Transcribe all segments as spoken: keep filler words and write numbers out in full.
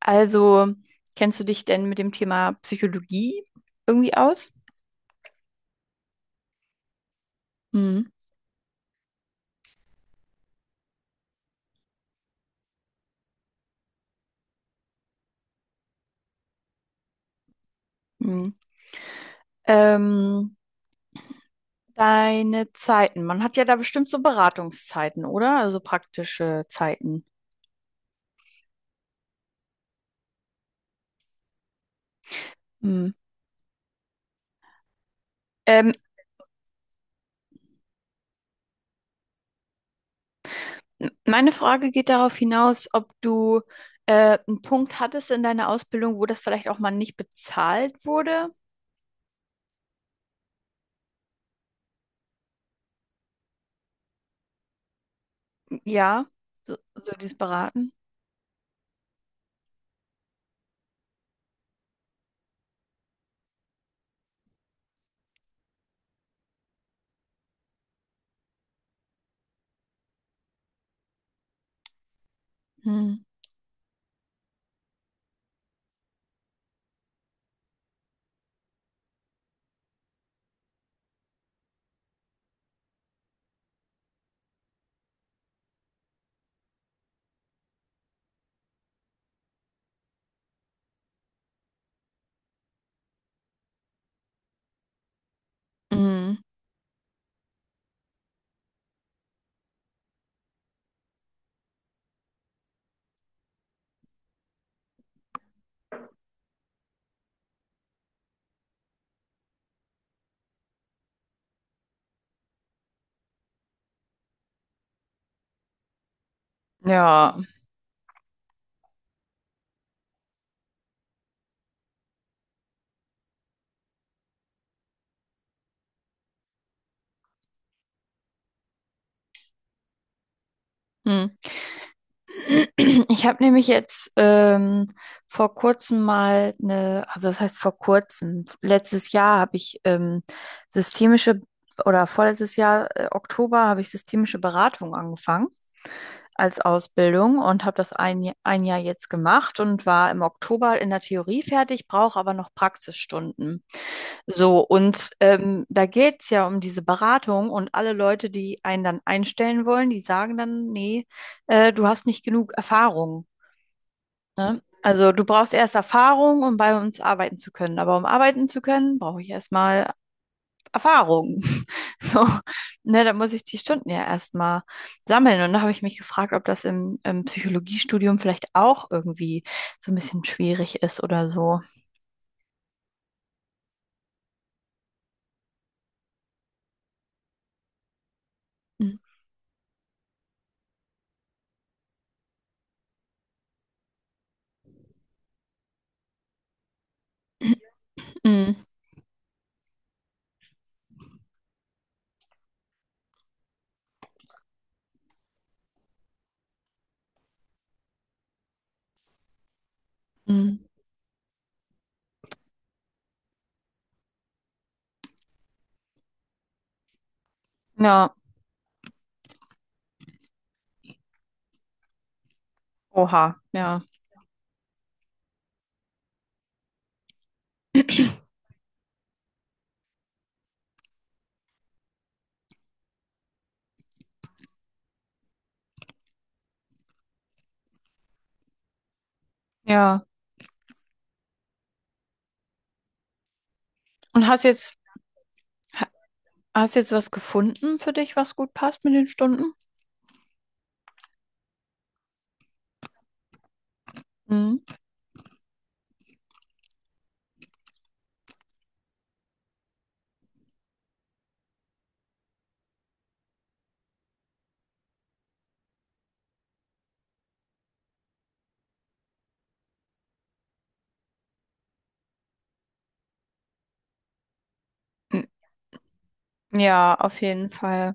Also, kennst du dich denn mit dem Thema Psychologie irgendwie aus? Hm. Hm. Ähm, Deine Zeiten. Man hat ja da bestimmt so Beratungszeiten, oder? Also praktische Zeiten. Hm. Ähm, m- Meine Frage geht darauf hinaus, ob du äh, einen Punkt hattest in deiner Ausbildung, wo das vielleicht auch mal nicht bezahlt wurde. Ja, so, so dieses Beraten. Hm. Hm. Ja. Hm. Ich habe nämlich jetzt ähm, vor kurzem mal eine, also das heißt vor kurzem, letztes Jahr habe ich ähm, systemische oder vorletztes Jahr, äh, Oktober, habe ich systemische Beratung angefangen als Ausbildung und habe das ein, Ja- ein Jahr jetzt gemacht und war im Oktober in der Theorie fertig, brauche aber noch Praxisstunden. So, und ähm, da geht's ja um diese Beratung, und alle Leute, die einen dann einstellen wollen, die sagen dann: nee, äh, du hast nicht genug Erfahrung. Ne? Also du brauchst erst Erfahrung, um bei uns arbeiten zu können. Aber um arbeiten zu können, brauche ich erstmal Erfahrung. So, ne, da muss ich die Stunden ja erstmal sammeln. Und da habe ich mich gefragt, ob das im, im Psychologiestudium vielleicht auch irgendwie so ein bisschen schwierig ist oder so. Mhm. Mhm. Ja, oha, ja. Ja. Und hast jetzt, hast jetzt was gefunden für dich, was gut passt mit den Stunden? Mhm. Ja, auf jeden Fall.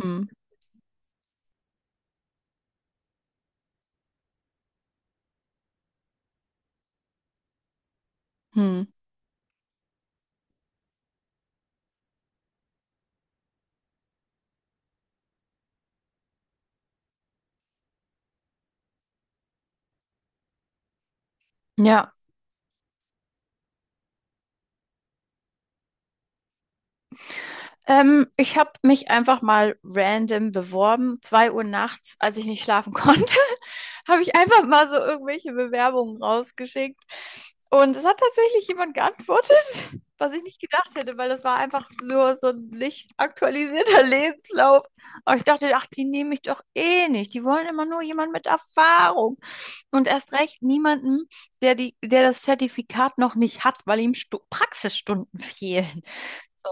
Mhm. Mhm. Ja. Ähm, ich habe mich einfach mal random beworben. Zwei Uhr nachts, als ich nicht schlafen konnte, habe ich einfach mal so irgendwelche Bewerbungen rausgeschickt. Und es hat tatsächlich jemand geantwortet, was ich nicht gedacht hätte, weil das war einfach nur so ein nicht aktualisierter Lebenslauf. Aber ich dachte, ach, die nehmen mich doch eh nicht. Die wollen immer nur jemanden mit Erfahrung. Und erst recht niemanden, der die, der das Zertifikat noch nicht hat, weil ihm Stu Praxisstunden fehlen. So.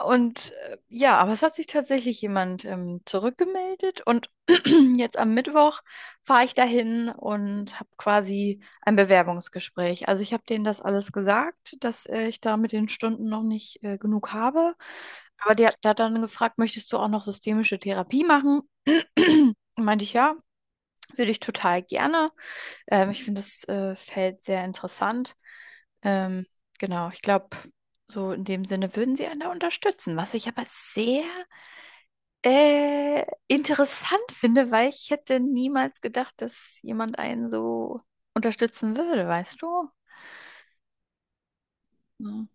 Und äh, ja, aber es hat sich tatsächlich jemand ähm, zurückgemeldet, und jetzt am Mittwoch fahre ich dahin und habe quasi ein Bewerbungsgespräch. Also ich habe denen das alles gesagt, dass äh, ich da mit den Stunden noch nicht äh, genug habe. Aber der, der hat dann gefragt: möchtest du auch noch systemische Therapie machen? Meinte ich ja, würde ich total gerne. Ähm, ich finde das äh, Feld sehr interessant. Ähm, genau, ich glaube, so in dem Sinne würden sie einen da unterstützen, was ich aber sehr äh, interessant finde, weil ich hätte niemals gedacht, dass jemand einen so unterstützen würde, weißt du? Ja.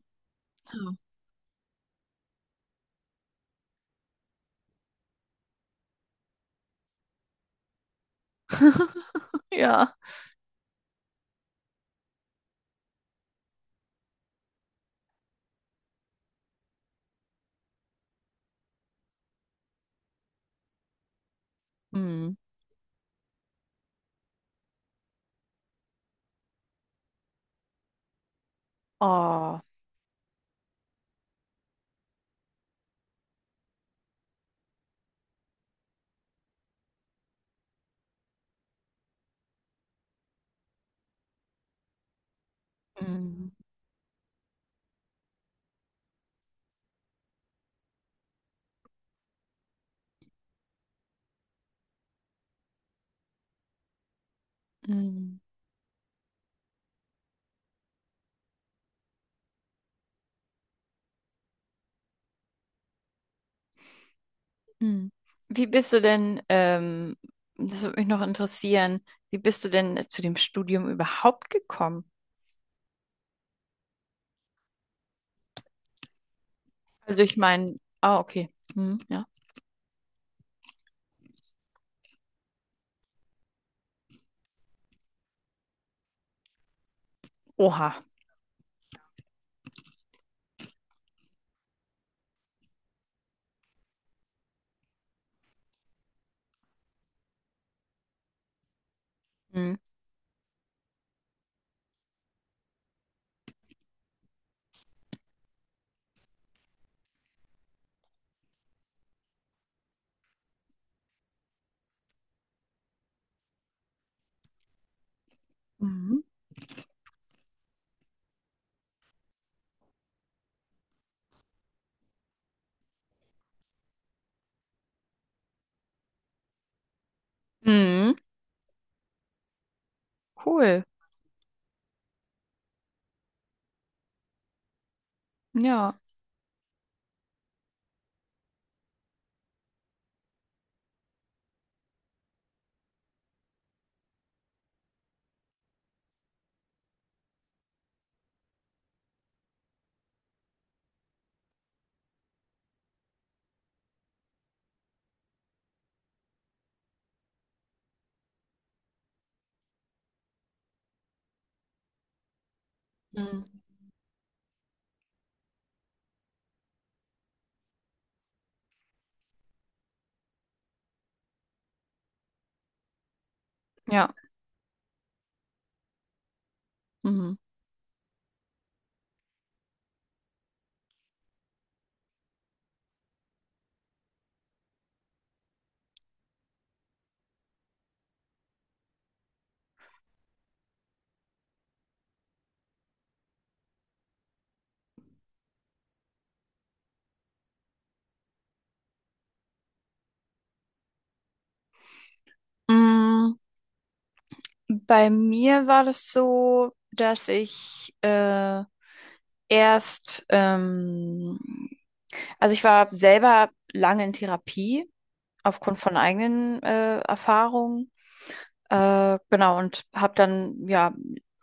Ja. Hm. Oh. Hm. Hm. Hm. Wie bist du denn, ähm, das würde mich noch interessieren, wie bist du denn zu dem Studium überhaupt gekommen? Also ich meine, ah, okay. Hm, ja. Oha. Hm. Mhm. Mhm. Cool. Ja. Mhm. Ja. Mhm. Mm, bei mir war das so, dass ich äh, erst, ähm, also ich war selber lange in Therapie aufgrund von eigenen äh, Erfahrungen. Äh, genau, und habe dann ja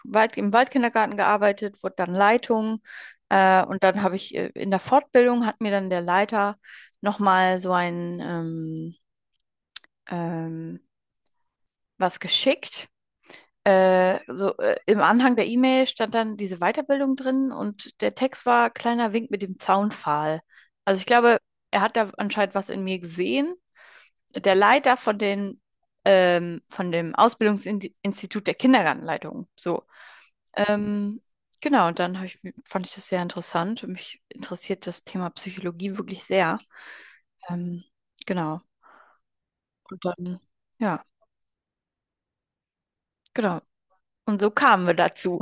weit, im Waldkindergarten gearbeitet, wurde dann Leitung. Äh, und dann habe ich äh, in der Fortbildung hat mir dann der Leiter nochmal so ein ähm, ähm, was geschickt. Äh, so, äh, im Anhang der E-Mail stand dann diese Weiterbildung drin, und der Text war kleiner Wink mit dem Zaunpfahl. Also ich glaube, er hat da anscheinend was in mir gesehen. Der Leiter von den, ähm, von dem Ausbildungsinstitut der Kindergartenleitung. So. Ähm, genau, und dann hab ich, mi- fand ich das sehr interessant, und mich interessiert das Thema Psychologie wirklich sehr. Ähm, genau. Und dann, ja, genau. Und so kamen wir dazu.